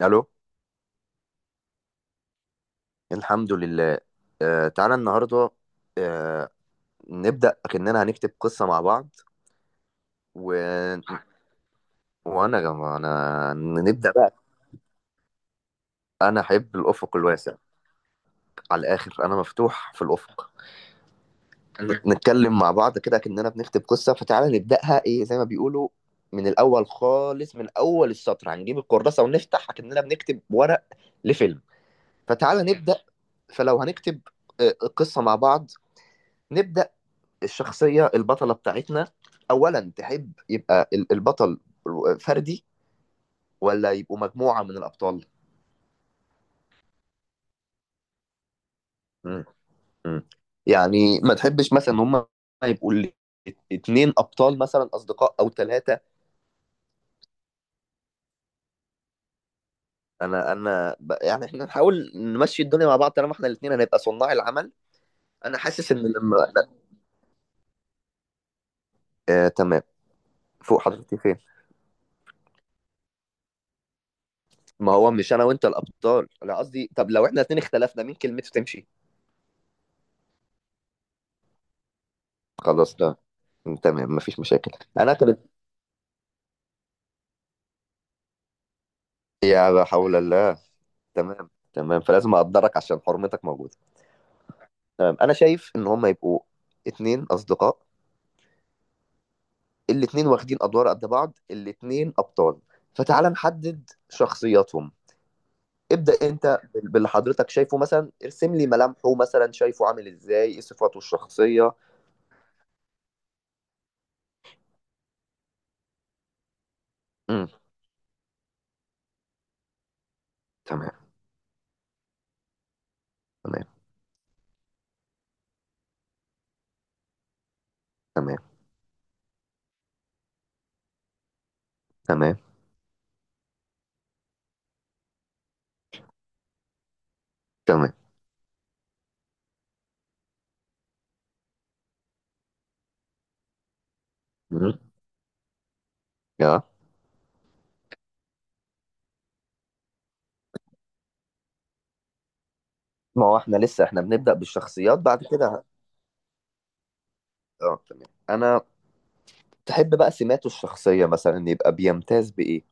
الو. الحمد لله. آه تعالى النهارده. آه. نبدا كاننا هنكتب قصه مع بعض و... وانا يا جماعه انا نبدا بقى. انا احب الافق الواسع على الاخر، انا مفتوح في الافق. نتكلم مع بعض كده كاننا بنكتب قصه، فتعالى نبداها، ايه زي ما بيقولوا من الاول خالص، من اول السطر هنجيب الكراسه ونفتح كاننا بنكتب ورق لفيلم. فتعالى نبدا. فلو هنكتب آه، قصه مع بعض، نبدا الشخصية البطلة بتاعتنا. أولا تحب يبقى البطل فردي ولا يبقوا مجموعة من الأبطال؟ مم. مم. يعني ما تحبش مثلا هم يبقوا اتنين أبطال مثلا أصدقاء أو ثلاثة؟ أنا يعني إحنا نحاول نمشي الدنيا مع بعض طالما إحنا الاتنين هنبقى صناع العمل. أنا حاسس إن لما. آه تمام. فوق حضرتك فين؟ ما هو مش أنا وأنت الأبطال؟ أنا قصدي، طب لو إحنا الاتنين اختلفنا مين كلمته تمشي؟ خلاص ده، تمام مفيش مشاكل. انا كانت، يا لا حول الله. تمام تمام، فلازم اقدرك عشان حرمتك موجوده. تمام، انا شايف ان هم يبقوا اتنين اصدقاء، الاتنين واخدين ادوار قد بعض، الاتنين ابطال. فتعال نحدد شخصياتهم. ابدأ انت باللي حضرتك شايفه، مثلا ارسم لي ملامحه، مثلا شايفه عامل ازاي، ايه صفاته الشخصيه؟ امم. تمام. تمام. تمام. تمام. تمام. امم. يا. ما هو احنا لسه احنا بنبدأ بالشخصيات، بعد كده اه تمام انا. تحب بقى سماته الشخصية مثلا يبقى بيمتاز بإيه؟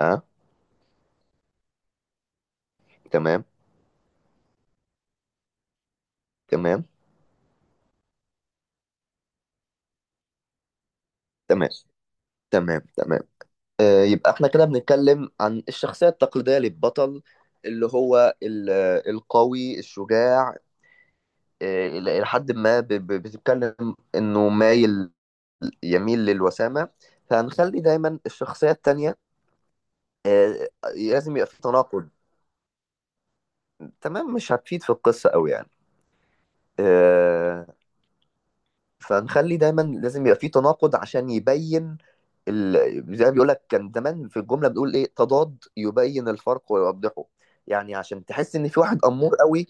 أه. تمام. تمام. تمام. تمام. تمام. يبقى احنا كده بنتكلم عن الشخصية التقليدية للبطل، اللي هو القوي الشجاع. إلى حد ما بتتكلم إنه مايل، يميل للوسامة. فهنخلي دايما الشخصية التانية، آه، لازم يبقى في تناقض. تمام مش هتفيد في القصة أوي يعني. آه، فنخلي دايما لازم يبقى في تناقض عشان يبين زي ما بيقول لك كان زمان في الجمله بنقول ايه، تضاد يبين الفرق ويوضحه. يعني عشان تحس ان في واحد امور قوي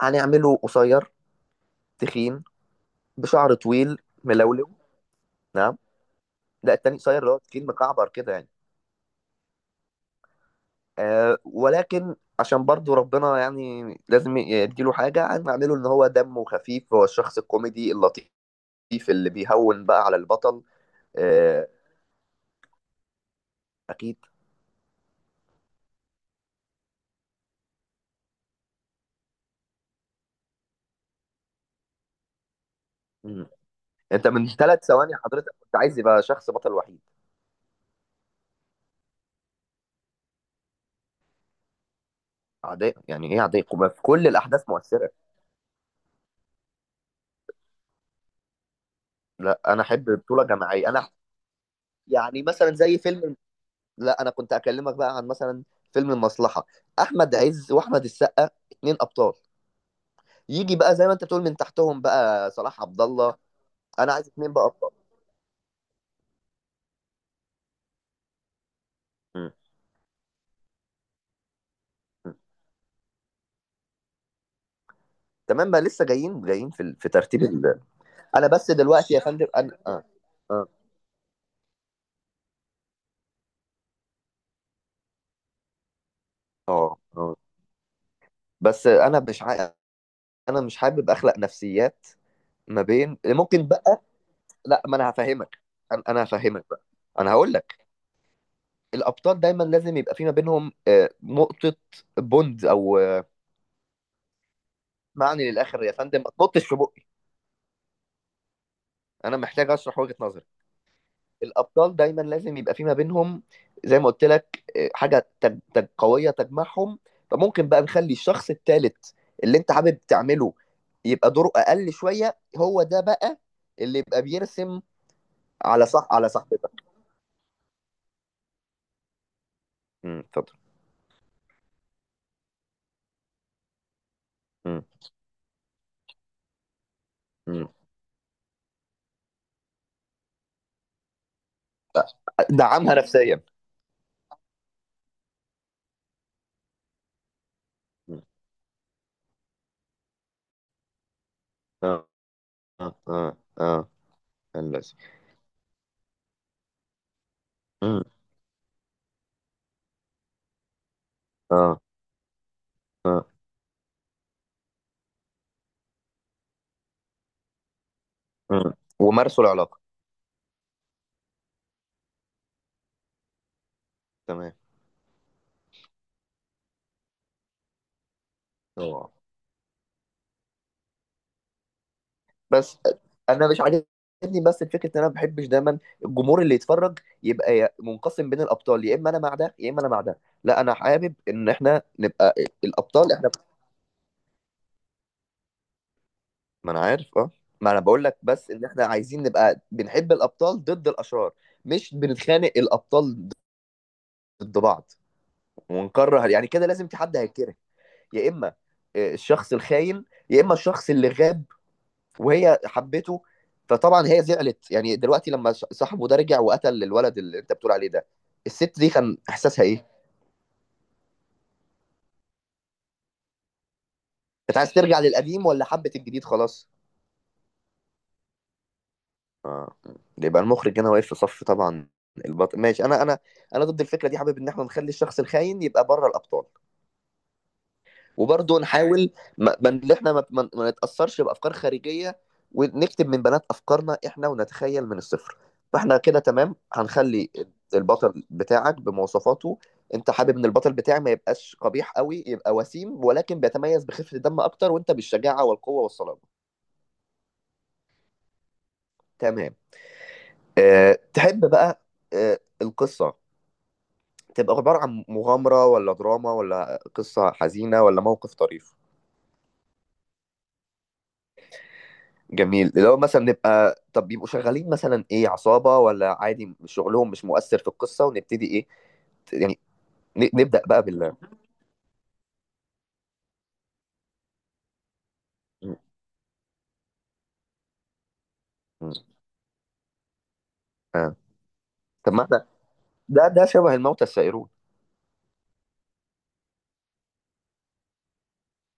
هنعمله قصير، تخين، بشعر طويل، ملولو. نعم؟ لا التاني قصير، اللي هو تخين مكعبر كده يعني. آه ولكن عشان برضو ربنا يعني لازم يديله حاجة، هنعمله ان هو دمه خفيف، هو الشخص الكوميدي اللطيف اللي بيهون بقى على البطل. آه اكيد. انت من 3 ثواني حضرتك كنت عايز يبقى شخص بطل وحيد. عداء يعني ايه؟ عداء يبقى في كل الاحداث مؤثره؟ لا انا احب بطوله جماعيه انا. يعني مثلا زي فيلم، لا انا كنت اكلمك بقى عن مثلا فيلم المصلحه، احمد عز واحمد السقا اتنين ابطال، يجي بقى زي ما انت بتقول من تحتهم بقى صلاح عبد الله. انا عايز اتنين بقى ابطال. م- م. تمام بقى، لسه جايين جايين في ترتيب انا بس دلوقتي يا فندم انا اه. اه اه. آه. بس انا مش عا... انا مش حابب اخلق نفسيات. ما بين ممكن بقى، لا ما انا هفهمك. أنا هفهمك بقى. انا هقول لك. الابطال دايما لازم يبقى في ما بينهم نقطه بوند او معني للاخر، يا فندم ما تنطش في بقي. انا محتاج اشرح وجهه نظري. الابطال دايما لازم يبقى في ما بينهم زي ما قلت لك حاجه قويه تجمعهم. فممكن بقى نخلي الشخص الثالث اللي انت حابب تعمله يبقى دوره اقل شويه، هو ده بقى اللي يبقى بيرسم. على صح، على صاحبتك. امم، اتفضل. مم، مم. دعمها نفسيا. اه اه اه اه. هندسة. مم. اه اه. مم. ومارسوا العلاقه. تمام. هو بس انا مش عاجبني، بس الفكره ان انا ما بحبش دايما الجمهور اللي يتفرج يبقى منقسم بين الابطال، يا اما انا مع ده يا اما انا مع ده. لا انا حابب ان احنا نبقى الابطال احنا. ما انا عارف اه ما انا بقول لك بس ان احنا عايزين نبقى بنحب الابطال ضد الاشرار، مش بنتخانق الابطال ضد بعض. ونكره، يعني كده لازم في حد هيتكره، يا اما الشخص الخاين يا اما الشخص اللي غاب وهي حبته. فطبعا هي زعلت، يعني دلوقتي لما صاحبه ده رجع وقتل الولد اللي انت بتقول عليه ده، الست دي كان احساسها ايه؟ كانت عايز ترجع للقديم ولا حبت الجديد خلاص؟ اه. يبقى المخرج هنا واقف في صف طبعا البطل، ماشي. انا انا انا ضد الفكره دي، حابب ان احنا نخلي الشخص الخاين يبقى بره الابطال. وبرضه نحاول ان احنا ما نتاثرش بافكار خارجيه، ونكتب من بنات افكارنا احنا، ونتخيل من الصفر. فاحنا كده تمام، هنخلي البطل بتاعك بمواصفاته. انت حابب ان البطل بتاعي ما يبقاش قبيح قوي، يبقى وسيم ولكن بيتميز بخفه الدم اكتر، وانت بالشجاعه والقوه والصلابه. تمام. تحب بقى القصه تبقى عباره عن مغامره، ولا دراما، ولا قصه حزينه، ولا موقف طريف؟ جميل، اللي هو مثلا نبقى، طب بيبقوا شغالين مثلا ايه، عصابة ولا عادي شغلهم مش مؤثر في القصة، ونبتدي ايه؟ يعني نبدأ بقى بال م- م- آه. طب ما احنا، ده شبه الموتى السائرون،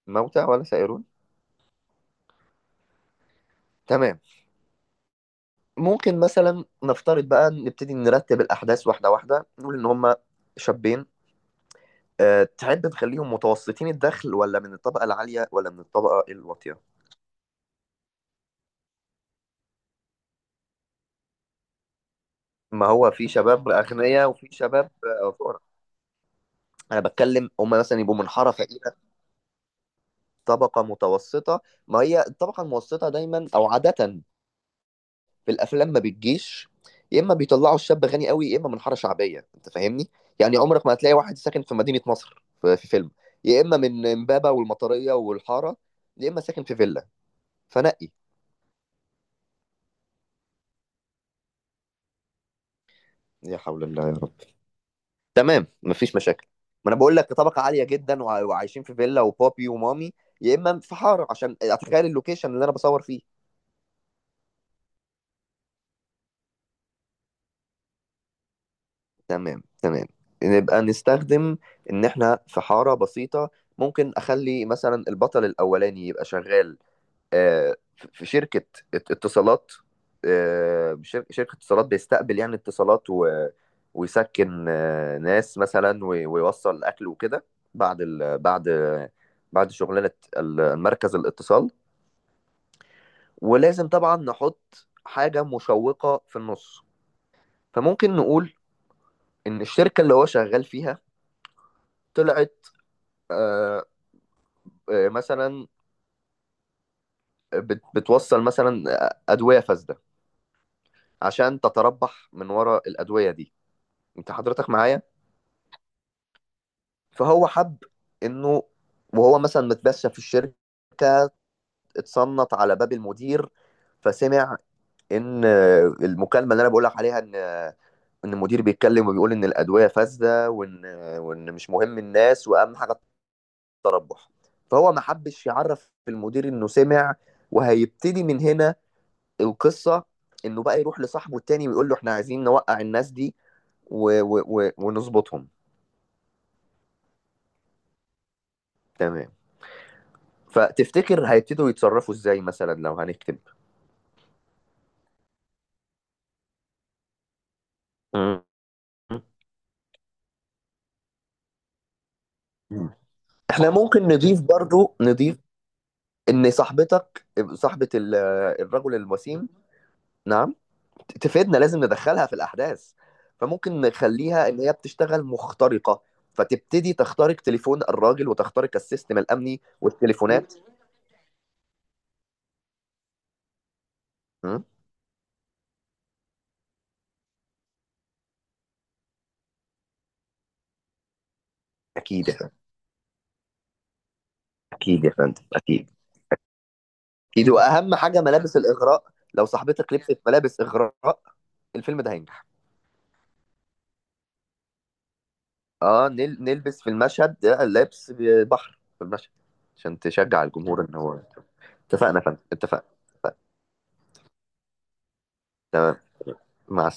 الموتى ولا سائرون. تمام. ممكن مثلا نفترض بقى نبتدي نرتب الأحداث واحدة واحدة، نقول إن هما شابين. أه تحب نخليهم متوسطين الدخل، ولا من الطبقة العالية، ولا من الطبقة الواطية؟ ما هو في شباب أغنياء وفي شباب فقراء. أنا بتكلم هما مثلا يبقوا من حارة فقيرة. طبقة متوسطة. ما هي الطبقة المتوسطة دايما أو عادة في الأفلام ما بتجيش، يا إما بيطلعوا الشاب غني قوي يا إما من حارة شعبية، أنت فاهمني؟ يعني عمرك ما هتلاقي واحد ساكن في مدينة نصر في في فيلم، يا إما من إمبابة والمطرية والحارة يا إما ساكن في فيلا فنقي. يا حول الله يا رب. تمام مفيش مشاكل. ما أنا بقول لك طبقة عالية جدا وعايشين في فيلا وبابي ومامي، يا إما في حارة عشان أتخيل اللوكيشن اللي أنا بصور فيه. تمام تمام. نبقى نستخدم ان احنا في حارة بسيطة. ممكن اخلي مثلا البطل الاولاني يبقى شغال في شركة اتصالات، شركة اتصالات بيستقبل يعني اتصالات ويسكن ناس مثلا ويوصل اكل وكده. بعد ال... بعد بعد شغلانة مركز الاتصال. ولازم طبعا نحط حاجة مشوقة في النص. فممكن نقول ان الشركة اللي هو شغال فيها طلعت آه، مثلا بتوصل مثلا أدوية فاسدة عشان تتربح من ورا الأدوية دي، أنت حضرتك معايا؟ فهو حب إنه، وهو مثلا متبشى في الشركة، اتصنت على باب المدير فسمع إن المكالمة اللي أنا بقولك عليها إن إن المدير بيتكلم وبيقول إن الأدوية فاسدة، وإن مش مهم الناس وأهم حاجة التربح. فهو ما حبش يعرف المدير إنه سمع. وهيبتدي من هنا القصة، انه بقى يروح لصاحبه التاني ويقول له احنا عايزين نوقع الناس دي ونظبطهم. تمام. فتفتكر هيبتدوا يتصرفوا ازاي مثلا لو هنكتب؟ مم. احنا ممكن نضيف برضو، نضيف ان صاحبتك، صاحبة الرجل الوسيم، نعم، تفيدنا، لازم ندخلها في الاحداث. فممكن نخليها ان هي بتشتغل مخترقة، فتبتدي تخترق تليفون الراجل وتخترق السيستم الامني والتليفونات. مم. اكيد يا فندم، اكيد يا فندم، اكيد. اكيد، واهم حاجه ملابس الاغراء. لو صاحبتك لبست ملابس اغراء الفيلم ده هينجح. اه نلبس في المشهد ده لبس بحر في المشهد، عشان تشجع الجمهور ان هو. اتفقنا يا فندم اتفقنا. اتفقنا. مع